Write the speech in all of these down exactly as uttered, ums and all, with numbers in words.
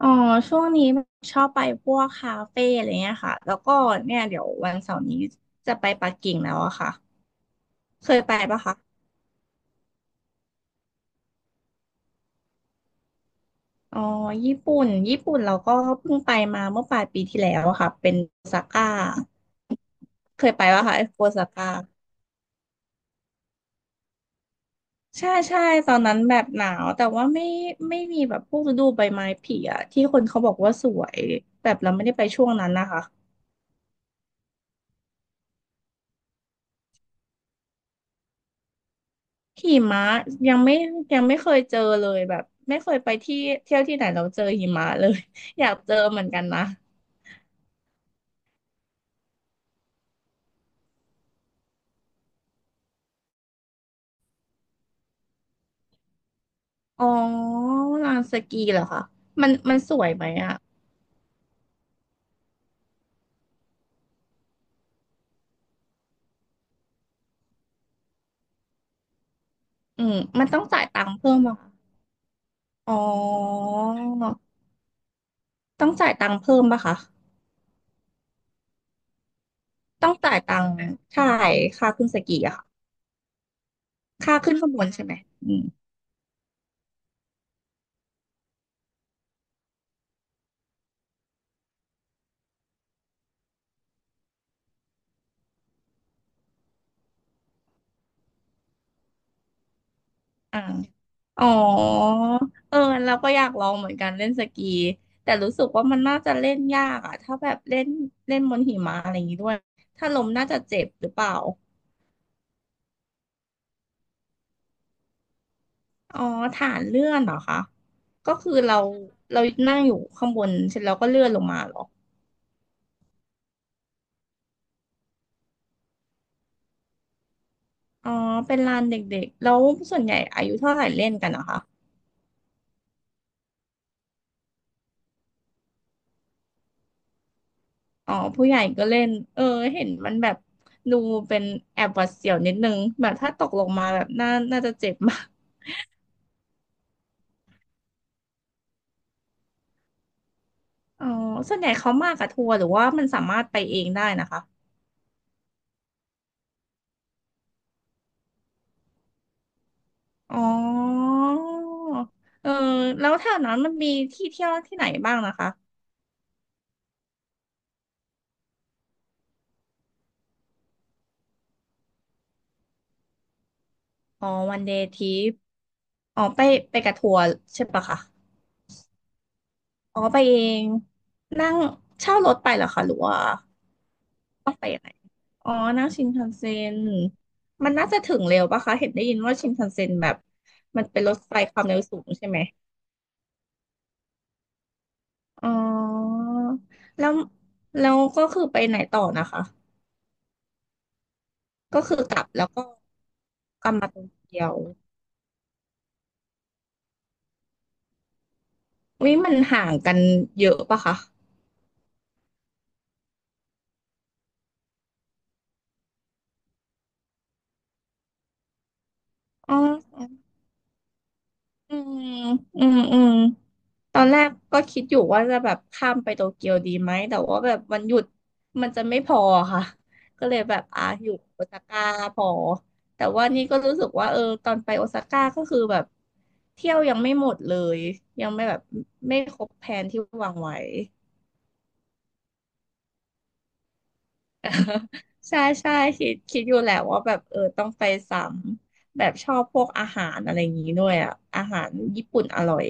อ๋อช่วงนี้ชอบไปพวกคาเฟ่อะไรเงี้ยค่ะแล้วก็เนี่ยเดี๋ยววันเสาร์นี้จะไปปักกิ่งแล้วอะค่ะเคยไปปะคะอ๋อญี่ปุ่นญี่ปุ่นเราก็เพิ่งไปมาเมื่อปลายปีที่แล้วอะค่ะเป็นโอซาก้าเคยไปปะคะโอซาก้าใช่ใช่ตอนนั้นแบบหนาวแต่ว่าไม่ไม่มีแบบพวกฤดูใบไม้ผลิอะที่คนเขาบอกว่าสวยแบบเราไม่ได้ไปช่วงนั้นนะคะ หิมะยังไม่ยังไม่เคยเจอเลยแบบไม่เคยไปที่เที่ยวที่ไหนเราเจอหิมะเลย อยากเจอเหมือนกันนะอ๋อลานสกีเหรอคะมันมันสวยไหมอ่ะอืมมันต้องจ่ายตังค์เพิ่มป่ะคะอ๋อต้องจ่ายตังค์เพิ่มป่ะคะต้องจ่ายตังค์ใช่ค่าขึ้นสกีอะค่ะค่าขึ้นข้างบนใช่ไหมอืมอ่า อ๋อเออเราก็อยากลองเหมือนกันเล่นสกีแต่รู้สึกว่ามันน่าจะเล่นยากอะถ้าแบบเล่นเล่นบนหิมะอะไรอย่างนี้ด้วยถ้าล้มน่าจะเจ็บหรือเปล่าอ๋อฐานเลื่อนเหรอคะก็คือเราเรานั่งอยู่ข้างบนเสร็จแล้วก็เลื่อนลงมาเหรออ๋อเป็นลานเด็กๆแล้วส่วนใหญ่อายุเท่าไหร่เล่นกันนะคะอ๋อผู้ใหญ่ก็เล่นเออเห็นมันแบบดูเป็นแอบหวาดเสียวนิดนึงแบบถ้าตกลงมาแบบน่าน่าจะเจ็บมาก อ๋อส่วนใหญ่เขามากับทัวร์หรือว่ามันสามารถไปเองได้นะคะอ๋อเออแล้วแถวนั้นมันมีที่เที่ยวที่ไหนบ้างนะคะอ๋อวันเดย์ทริปอ๋อไปไปกับทัวร์ใช่ปะคะอ๋อไปเองนั่งเช่ารถไปเหรอคะหรือว่าต้องไปยังไงอ๋อนั่งชินคันเซ็นมันน่าจะถึงเร็วปะคะเห็นได้ยินว่าชินคันเซ็นแบบมันเป็นรถไฟความเร็วสูงใช่ไหมอ๋อแล้วแล้วก็คือไปไหนต่อนะคะ ก็คือกลับแล้วก็กลับมาโตเกียววิมันห่างกันเยอะปะคะอ๋ออืมอืมอืมตอนแรกก็คิดอยู่ว่าจะแบบข้ามไปโตเกียวดีไหม แต่ว่าแบบวันหยุดมันจะไม่พอค่ะ ก็เลยแบบอ่ะอยู่โอซาก้าพอ แต่ว่านี่ก็รู้สึกว่าเออตอนไปโอซาก้าก็คือแบบเที่ยวยังไม่หมดเลย ยังไม่แบบไม่ครบแผนที่วางไว้ ใช่ใช่คิดคิดอยู่แหละว่าแบบเออต้องไปซ้ำแบบชอบพวกอาหารอะไรอย่างนี้ด้วยอ่ะอาหารญี่ปุ่นอร่อย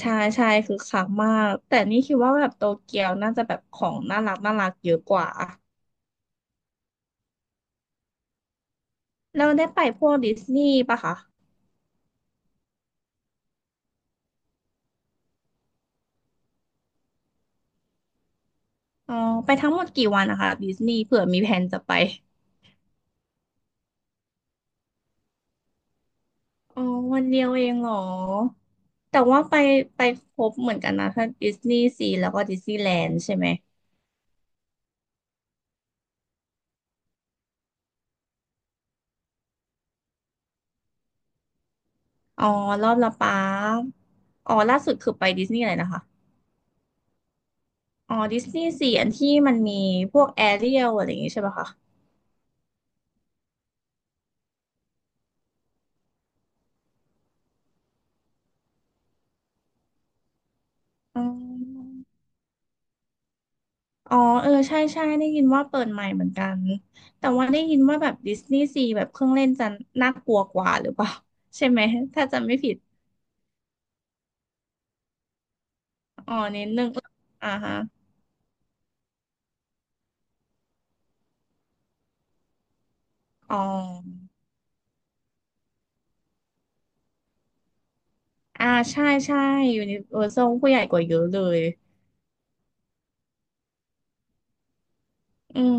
ใช่ใช่คือคักมากแต่นี่คิดว่าแบบโตเกียวน่าจะแบบของน่ารักน่ารักเยอะกว่าแล้วได้ไปพวกดิสนีย์ปะคะอ๋อไปทั้งหมดกี่วันนะคะดิสนีย์เผื่อมีแผนจะไปอ๋อวันเดียวเองเหรอแต่ว่าไปไปครบเหมือนกันนะทั้งดิสนีย์ซีแล้วก็ดิสนีย์แลนด์ใช่ไหม อ๋อรอบละปารอ๋อล่าสุดคือไปดิสนีย์อะไรนะคะอ๋อดิสนีย์สี่อันที่มันมีพวกแอเรียลอะไรอย่างงี้ใช่ปะคะอ๋ออ๋อเออใช่ใช่ได้ยินว่าเปิดใหม่เหมือนกันแต่ว่าได้ยินว่าแบบดิสนีย์ซีแบบเครื่องเล่นจะน่ากลัวกว่าหรือเปล่าใช่ไหมถ้าจำไม่ผิดอ๋อนิดนึงอ่าฮะอ๋ออ่าใช่ใช่ยูนิเวอร์แซลผู้ใหญ่กว่าเยอะเลย อืม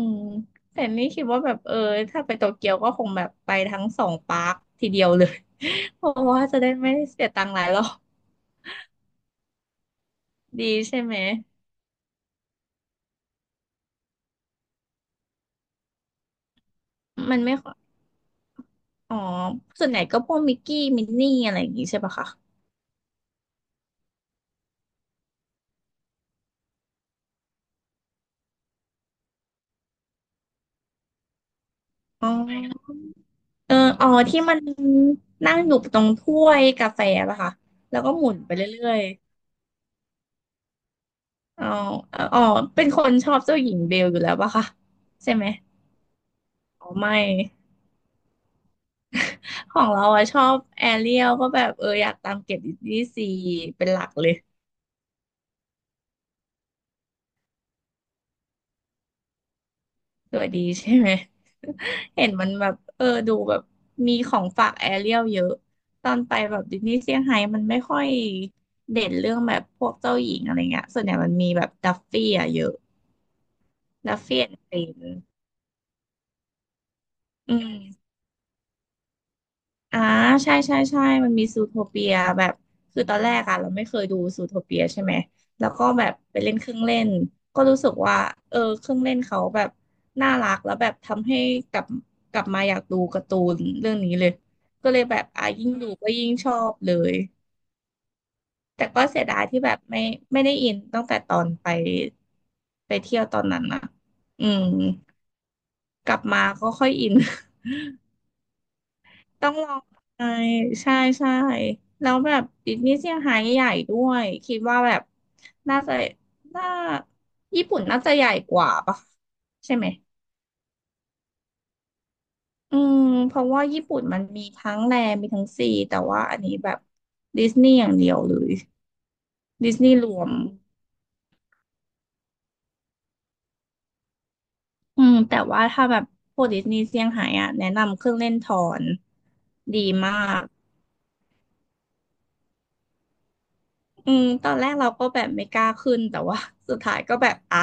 แต่นี่คิดว่าแบบเออถ้าไปโตเกียวก็คงแบบไปทั้งสองปาร์คทีเดียวเลย เพราะว่าจะได้ไม่เสียตังค์หลายรอบดีใช่ไหมมันไม่ค่อยอ๋อส่วนใหญ่ก็พวกมิกกี้มินนี่อะไรอย่างงี้ใช่ปะคะอ๋อเอออ๋อที่มันนั่งอยู่ตรงถ้วยกาแฟป่ะคะแล้วก็หมุนไปเรื่อยๆอ๋ออ๋อเป็นคนชอบเจ้าหญิงเบลอยู่แล้วป่ะคะใช่ไหมอ๋อไม่ ของเราอะชอบแอเรียลก็แบบเอออยากตามเก็บดิสนีย์ซีเป็นหลักเลยตัวดีใช่ไหมเห็นมันแบบเออดูแบบมีของฝากแอเรียลเยอะตอนไปแบบดิสนีย์เซี่ยงไฮ้มันไม่ค่อยเด่นเรื่องแบบพวกเจ้าหญิงอะไรเงี้ยส่วนใหญ่มันมีแบบดัฟฟี่อะเยอะดัฟฟี่แอนด์เฟนอืม อ่าใช่ใช่ใช่มันมีซูโทเปียแบบคือตอนแรกอะเราไม่เคยดูซูโทเปียใช่ไหมแล้วก็แบบไปเล่นเครื่องเล่นก็รู้สึกว่าเออเครื่องเล่นเขาแบบน่ารักแล้วแบบทำให้กลับกลับมาอยากดูการ์ตูนเรื่องนี้เลยก็เลยแบบอ่ะยิ่งดูก็ยิ่งชอบเลยแต่ก็เสียดายที่แบบไม่ไม่ได้อินตั้งแต่ตอนไปไปเที่ยวตอนนั้นนะอืมกลับมาก็ค่อยอิน ต้องลองไปใช่ใช่แล้วแบบดิสนีย์เซี่ยงไฮ้ใหญ่ด้วยคิดว่าแบบน่าจะน่าญี่ปุ่นน่าจะใหญ่กว่าปะใช่ไหมอืมเพราะว่าญี่ปุ่นมันมีทั้งแลมีทั้งซีแต่ว่าอันนี้แบบดิสนีย์อย่างเดียวเลยดิสนีย์รวมอืมแต่ว่าถ้าแบบพวกดิสนีย์เซี่ยงไฮ้อะแนะนำเครื่องเล่นทอนดีมาก อืมตอนแรกเราก็แบบไม่กล้าขึ้นแต่ว่า สุดท้ายก็แบบอ่ะ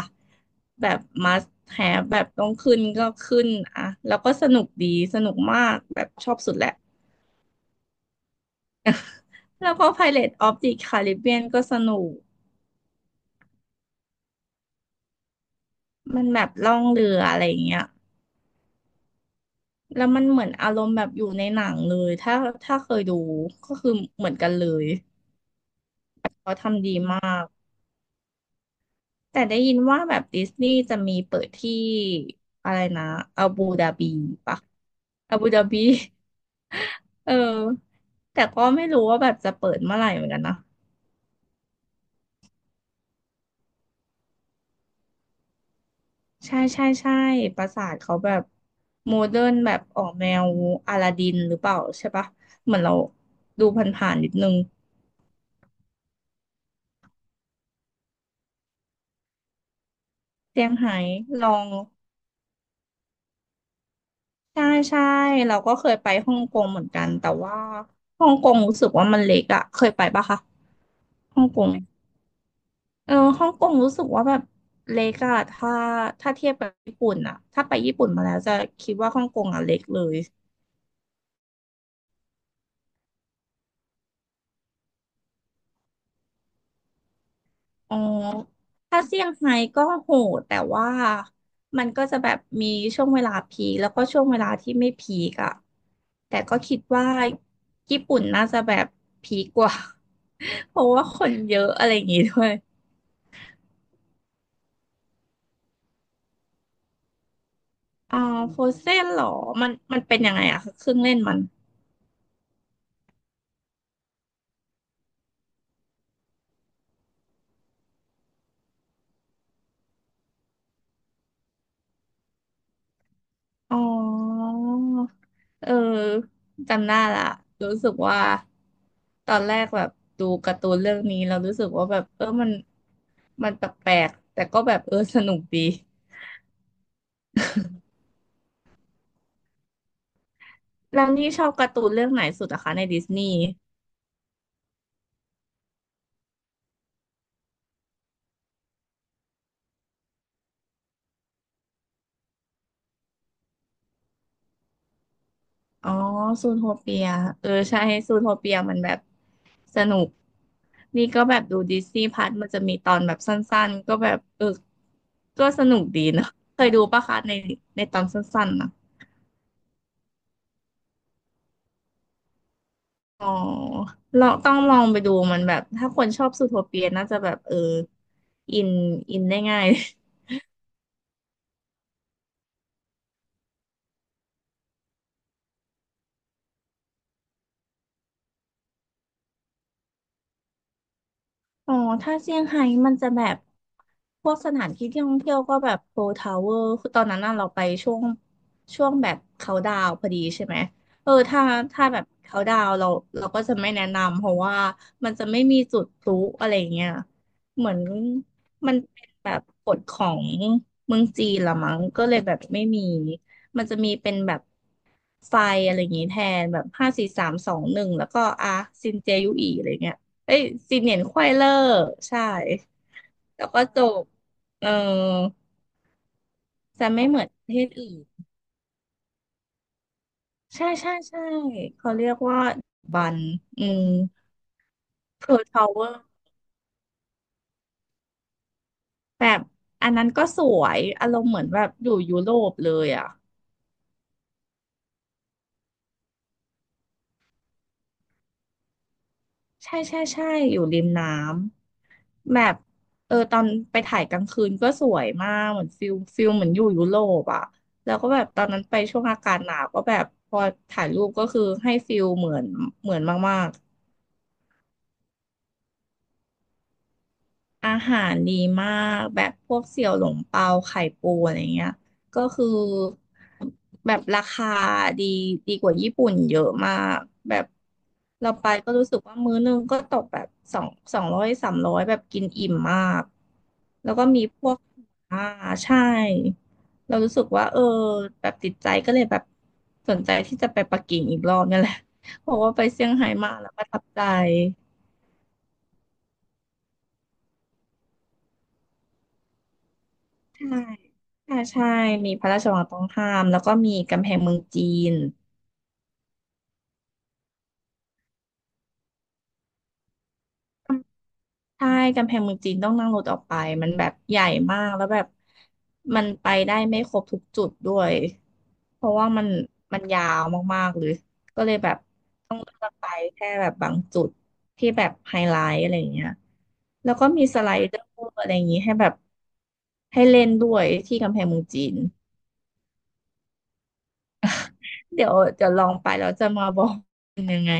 แบบ must have แบบต้องขึ้นก็ขึ้นอ่ะแล้วก็สนุกดีสนุกมากแบบชอบสุดแหละแล้วก็ Pirates of the Caribbean ก็สนุกมันแบบล่องเรืออะไรอย่างเงี้ยแล้วมันเหมือนอารมณ์แบบอยู่ในหนังเลยถ้าถ้าเคยดูก็คือเหมือนกันเลยเขาทำดีมากแต่ได้ยินว่าแบบดิสนีย์จะมีเปิดที่อะไรนะอาบูดาบีปะอาบูดาบี เออแต่ก็ไม่รู้ว่าแบบจะเปิดเมื่อไหร่เหมือนกันนะใช่ใช่ใช่ปราสาทเขาแบบโมเดิร์นแบบออกแนวอลาดินหรือเปล่าใช่ปะเหมือนเราดูผ่านๆนิดนึงเซี่ยงไฮ้ลองใช่ใช่เราก็เคยไปฮ่องกงเหมือนกันแต่ว่าฮ่องกงรู้สึกว่ามันเล็กอะเคยไปปะคะฮ่องกงเออฮ่องกงรู้สึกว่าแบบเล็กอะถ้าถ้าเทียบกับญี่ปุ่นอะถ้าไปญี่ปุ่นมาแล้วจะคิดว่าฮ่องกงอะเล็กเลย อ๋อ ถ้าเซี่ยงไฮ้ก็โหดแต่ว่ามันก็จะแบบมีช่วงเวลาพีคแล้วก็ช่วงเวลาที่ไม่พีกอะแต่ก็คิดว่าญี่ปุ่นน่าจะแบบพีกกว่า เพราะว่าคนเยอะอะไรอย่างงี้ด้วยอ่าโฟเซ่นเหรอ มันมันเป็นยังไงอะคะเครื่องเล่นมัน อ๋อเออจำได้ละรู้สึกว่าตอนแรกแบบดูการ์ตูนเรื่องนี้เรารู้สึกว่าแบบเออมันมันแปลกๆแต่ก็แบบเออสนุกดีแล้วนี่ชอบการ์ตูนเรื่องไหนสุดอะคะในดิสนีย์อ๋อซูโทเปียเออใช่ซูโทเปียมันแบบสนุกนี่ก็แบบดูดิสนีย์พัทมันจะมีตอนแบบสั้นๆก็แบบเออก็สนุกดีเนอะเคยดูปะคะในในตอนสั้นๆนะ อ๋อเราต้องลองไปดูมันแบบถ้าคนชอบซูโทเปียน่าจะแบบเอออินอินได้ง่าย อ๋อถ้าเซี่ยงไฮ้มันจะแบบพวกสถานที่ท่องเที่ยวก็แบบโพทาวเวอร์คือตอนนั้นน่ะเราไปช่วงช่วงแบบเขาดาวน์พอดีใช่ไหมเออถ้าถ้าแบบเขาดาวน์เราเราก็จะไม่แนะนำเพราะว่ามันจะไม่มีจุดพลุอะไรเงี้ยเหมือนมันเป็นแบบกฎของเมืองจีนละมั้งก็เลยแบบไม่มีมันจะมีเป็นแบบไฟอะไรอย่างงี้แทนแบบห้าสี่สามสองหนึ่งแล้วก็อ่ะซินเจยุอีอะไรเงี้ย เอ้ยซีเนียร์ไขว้เลอร์ใช่แล้วก็จบเออจะไม่เหมือนประเทศอื่นใช่ใช่ใช่เขาเรียกว่าบันอืมเพิร์ลทาวเวอร์แบบอันนั้นก็สวยอารมณ์เหมือนแบบอยู่ยุโรปเลยอ่ะใช่ใช่ใช่อยู่ริมน้ำแบบเออตอนไปถ่ายกลางคืนก็สวยมากเหมือนฟิลฟิลเหมือนอยู่ยุโรปอ่ะแล้วก็แบบตอนนั้นไปช่วงอากาศหนาวก็แบบพอถ่ายรูปก็คือให้ฟิลเหมือนเหมือนมาก อาหารดีมากแบบพวกเสี่ยวหลงเปาไข่ปูอะไรเงี้ยก็คือแบบราคาดีดีกว่าญี่ปุ่นเยอะมากแบบเราไปก็รู้สึกว่ามื้อนึงก็ตกแบบสองสองร้อยสามร้อยแบบกินอิ่มมากแล้วก็มีพวกอ่าใช่เรารู้สึกว่าเออแบบติดใจก็เลยแบบสนใจที่จะไปปักกิ่งอีกรอบนี่แหละเพราะว่าไปเซี่ยงไฮ้มาแล้วประทับใจ ใช่ใช่ใช่ มีพระราชวังต้องห้าม แล้วก็มีกำแพงเมืองจีน ใช่ กำแพงเมืองจีนต้องนั่งรถออกไปมันแบบใหญ่มากแล้วแบบมันไปได้ไม่ครบทุกจุดด้วย เพราะว่ามันมันยาวมากๆเลยก็เลยแบบต้องเลือกไปแค่แบบบางจุดที่แบบไฮไลท์อะไรอย่างเงี้ยแล้วก็มีสไลเดอร์อะไรอย่างงี้ให้แบบให้เล่นด้วยที่กำแพงเมืองจีนเดี๋ยวจะลองไปแล้วจะมาบอกเป็นยังไง